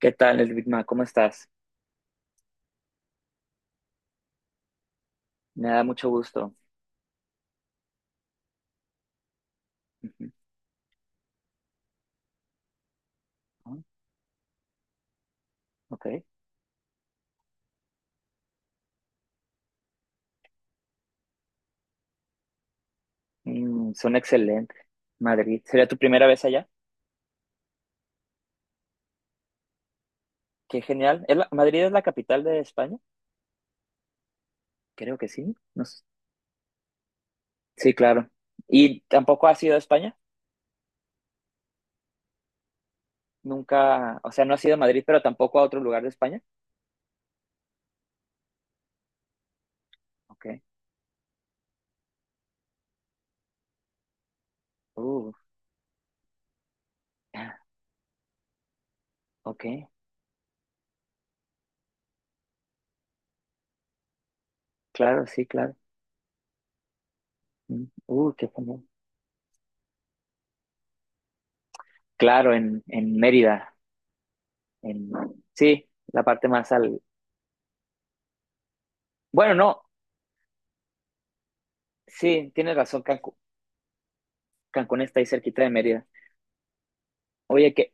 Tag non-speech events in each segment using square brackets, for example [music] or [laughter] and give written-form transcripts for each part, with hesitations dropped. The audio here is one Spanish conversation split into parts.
¿Qué tal, el Big Mac? ¿Cómo estás? Me da mucho gusto. Ujú. Ah, ok. Son excelentes. Madrid. ¿Sería tu primera vez allá? Qué genial. ¿Madrid es la capital de España? Creo que sí. No, no sé. Sí, claro. ¿Y tampoco has ido a España? Nunca, o sea, no has ido a Madrid, pero tampoco a otro lugar de España. Ok. Uh, ah, ok. Claro, sí, claro. Qué genial. Claro, en Mérida. En, sí, la parte más al. Bueno, no. Sí, tienes razón, Cancún. Cancún está ahí cerquita de Mérida. Oye, qué,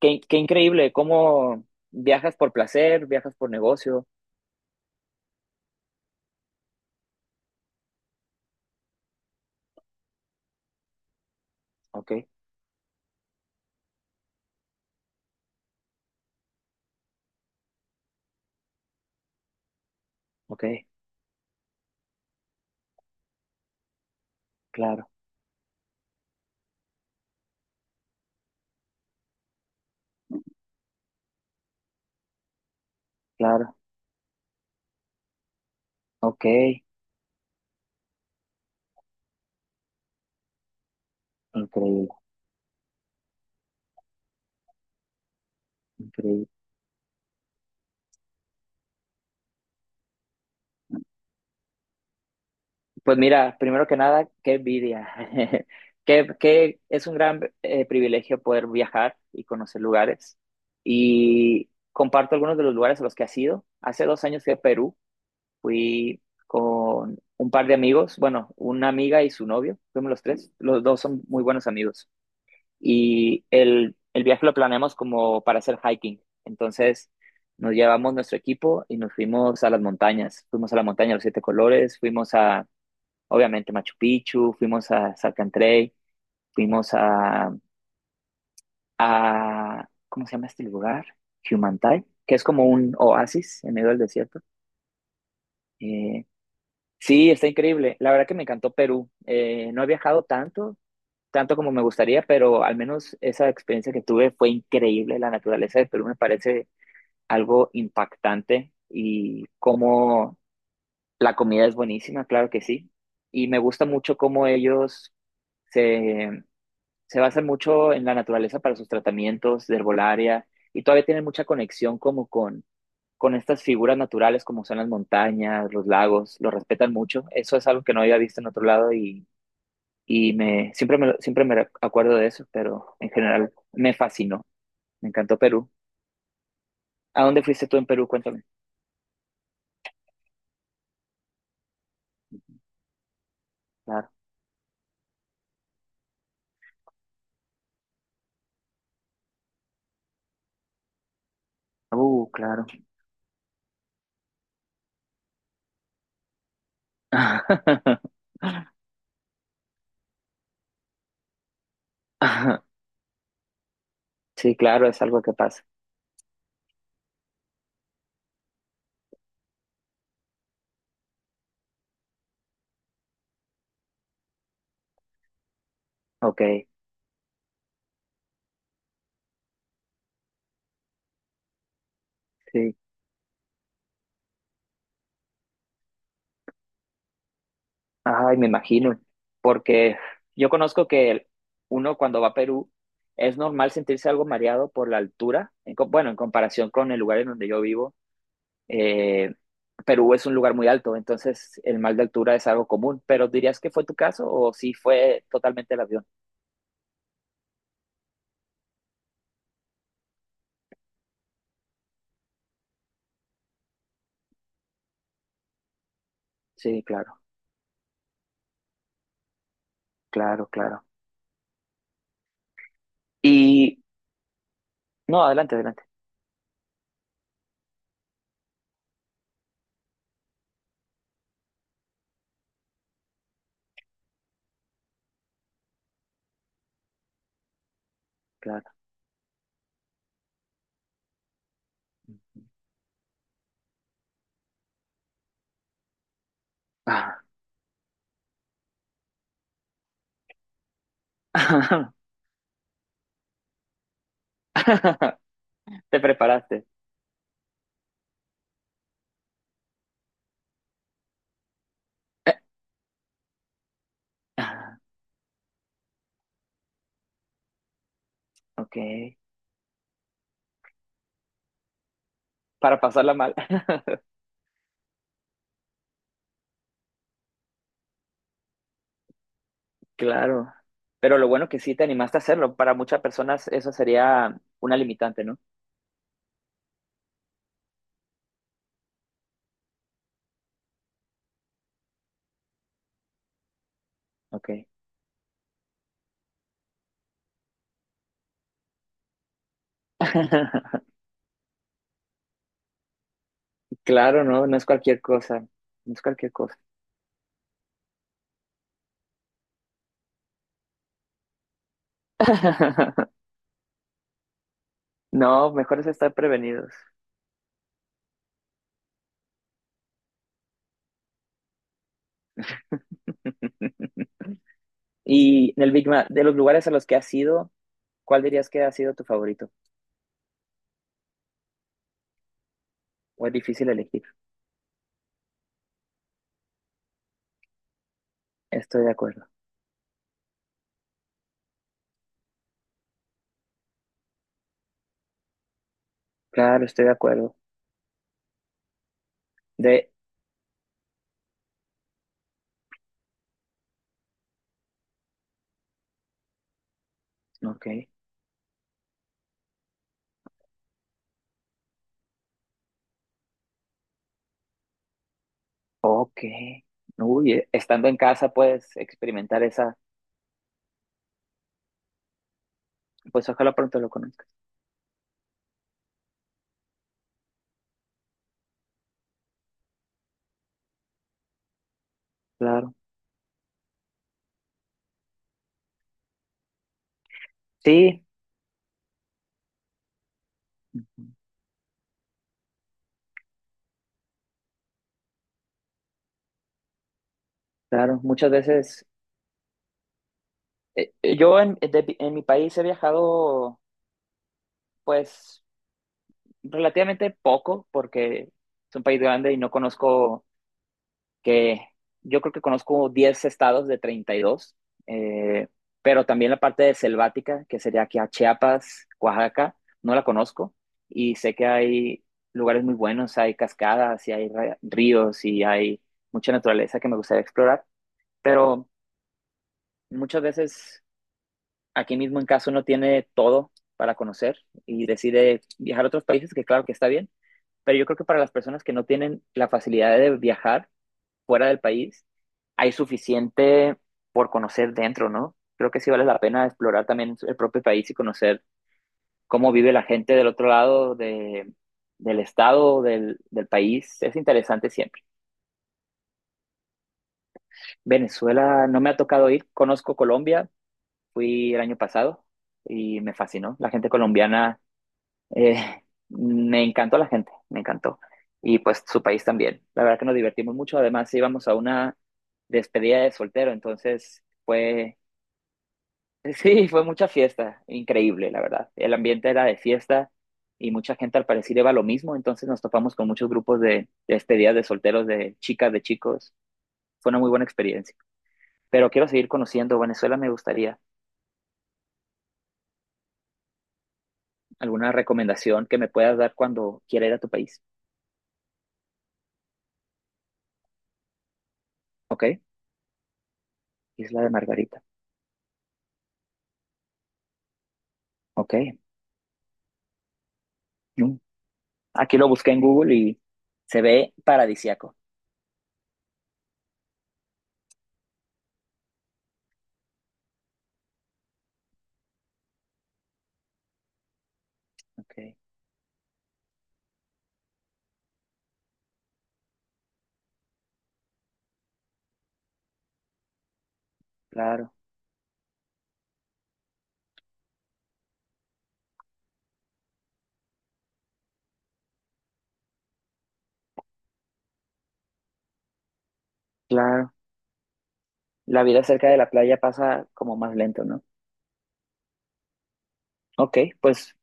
qué, qué increíble, cómo viajas por placer, viajas por negocio. Ok, ok, claro, claro, ok, increíble, increíble. Pues mira, primero que nada, qué envidia. [laughs] Que es un gran privilegio poder viajar y conocer lugares. Y comparto algunos de los lugares a los que has ido. Hace 2 años fui a Perú, fui con un par de amigos, bueno, una amiga y su novio, fuimos los tres, los dos son muy buenos amigos. Y el viaje lo planeamos como para hacer hiking. Entonces nos llevamos nuestro equipo y nos fuimos a las montañas. Fuimos a la montaña de los siete colores, fuimos a, obviamente, Machu Picchu, fuimos a Salcantay, fuimos a, ¿cómo se llama este lugar? Humantay, que es como un oasis en medio del desierto. Eh, sí, está increíble. La verdad que me encantó Perú. No he viajado tanto, tanto como me gustaría, pero al menos esa experiencia que tuve fue increíble. La naturaleza de Perú me parece algo impactante, y cómo la comida es buenísima, claro que sí. Y me gusta mucho cómo ellos se, se basan mucho en la naturaleza para sus tratamientos de herbolaria y todavía tienen mucha conexión como con, estas figuras naturales como son las montañas, los lagos, lo respetan mucho. Eso es algo que no había visto en otro lado, y me, siempre, me, lo- siempre me acuerdo de eso, pero en general me fascinó. Me encantó Perú. ¿A dónde fuiste tú en Perú? Cuéntame. Claro. Claro. [laughs] Sí, claro, es algo que pasa. Ok, sí. Ay, me imagino. Porque yo conozco que uno cuando va a Perú es normal sentirse algo mareado por la altura. Bueno, en comparación con el lugar en donde yo vivo, Eh, Perú es un lugar muy alto, entonces el mal de altura es algo común, pero ¿dirías que fue tu caso o si fue totalmente el avión? Sí, claro, claro, claro. Y no, adelante, adelante, claro. Ah. [laughs] Te preparaste. Ah, ok, para pasarla mal. [laughs] Claro. Pero lo bueno que sí te animaste a hacerlo. Para muchas personas eso sería una limitante, ¿no? Ok. [laughs] Claro, no, no es cualquier cosa. No es cualquier cosa. [laughs] No, mejor es estar prevenidos. [laughs] Y en el Big Mac, de los lugares a los que has ido, ¿cuál dirías que ha sido tu favorito? ¿O es difícil elegir? Estoy de acuerdo. Claro, estoy de acuerdo. De, ok, ok. Uy, estando en casa puedes experimentar esa, pues ojalá pronto lo conozcas. Claro. Sí, ujú, claro. Muchas veces, yo en mi país he viajado, pues, relativamente poco, porque es un país grande y no conozco, que yo creo que conozco 10 estados de 32, eh, pero también la parte de selvática, que sería aquí a Chiapas, Oaxaca, no la conozco, y sé que hay lugares muy buenos, hay cascadas y hay ríos y hay mucha naturaleza que me gustaría explorar, pero muchas veces aquí mismo en casa uno tiene todo para conocer y decide viajar a otros países, que claro que está bien, pero yo creo que para las personas que no tienen la facilidad de viajar fuera del país, hay suficiente por conocer dentro, ¿no? Creo que sí vale la pena explorar también el propio país y conocer cómo vive la gente del otro lado del estado, del país. Es interesante siempre. Venezuela no me ha tocado ir, conozco Colombia, fui el año pasado y me fascinó. La gente colombiana, eh, [laughs] me encantó la gente, me encantó. Y pues su país también. La verdad que nos divertimos mucho. Además, íbamos a una despedida de soltero, entonces fue [laughs] sí, fue mucha fiesta, increíble, la verdad. El ambiente era de fiesta y mucha gente al parecer iba a lo mismo, entonces nos topamos con muchos grupos de despedidas de solteros, de chicas, de chicos. Fue una muy buena experiencia. Pero quiero seguir conociendo Venezuela, me gustaría alguna recomendación que me puedas dar cuando quiera ir a tu país. ¿Ok? Isla de Margarita. ¿Ok? Mm. Aquí lo busqué en Google y se ve paradisiaco. Ok, claro, claro. La vida cerca de la playa pasa como más lento, ¿no? Ok, pues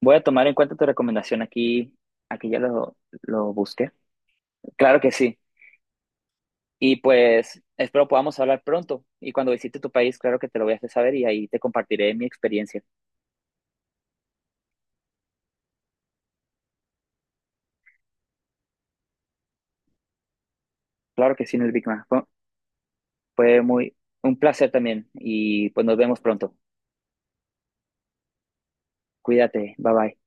voy a tomar en cuenta tu recomendación aquí. Aquí ya lo busqué. Claro que sí. Y pues espero podamos hablar pronto. Y cuando visite tu país, claro que te lo voy a hacer saber y ahí te compartiré mi experiencia. Claro que sí, el Big Mac. fue muy un placer también. Y pues nos vemos pronto. Cuídate. Bye bye.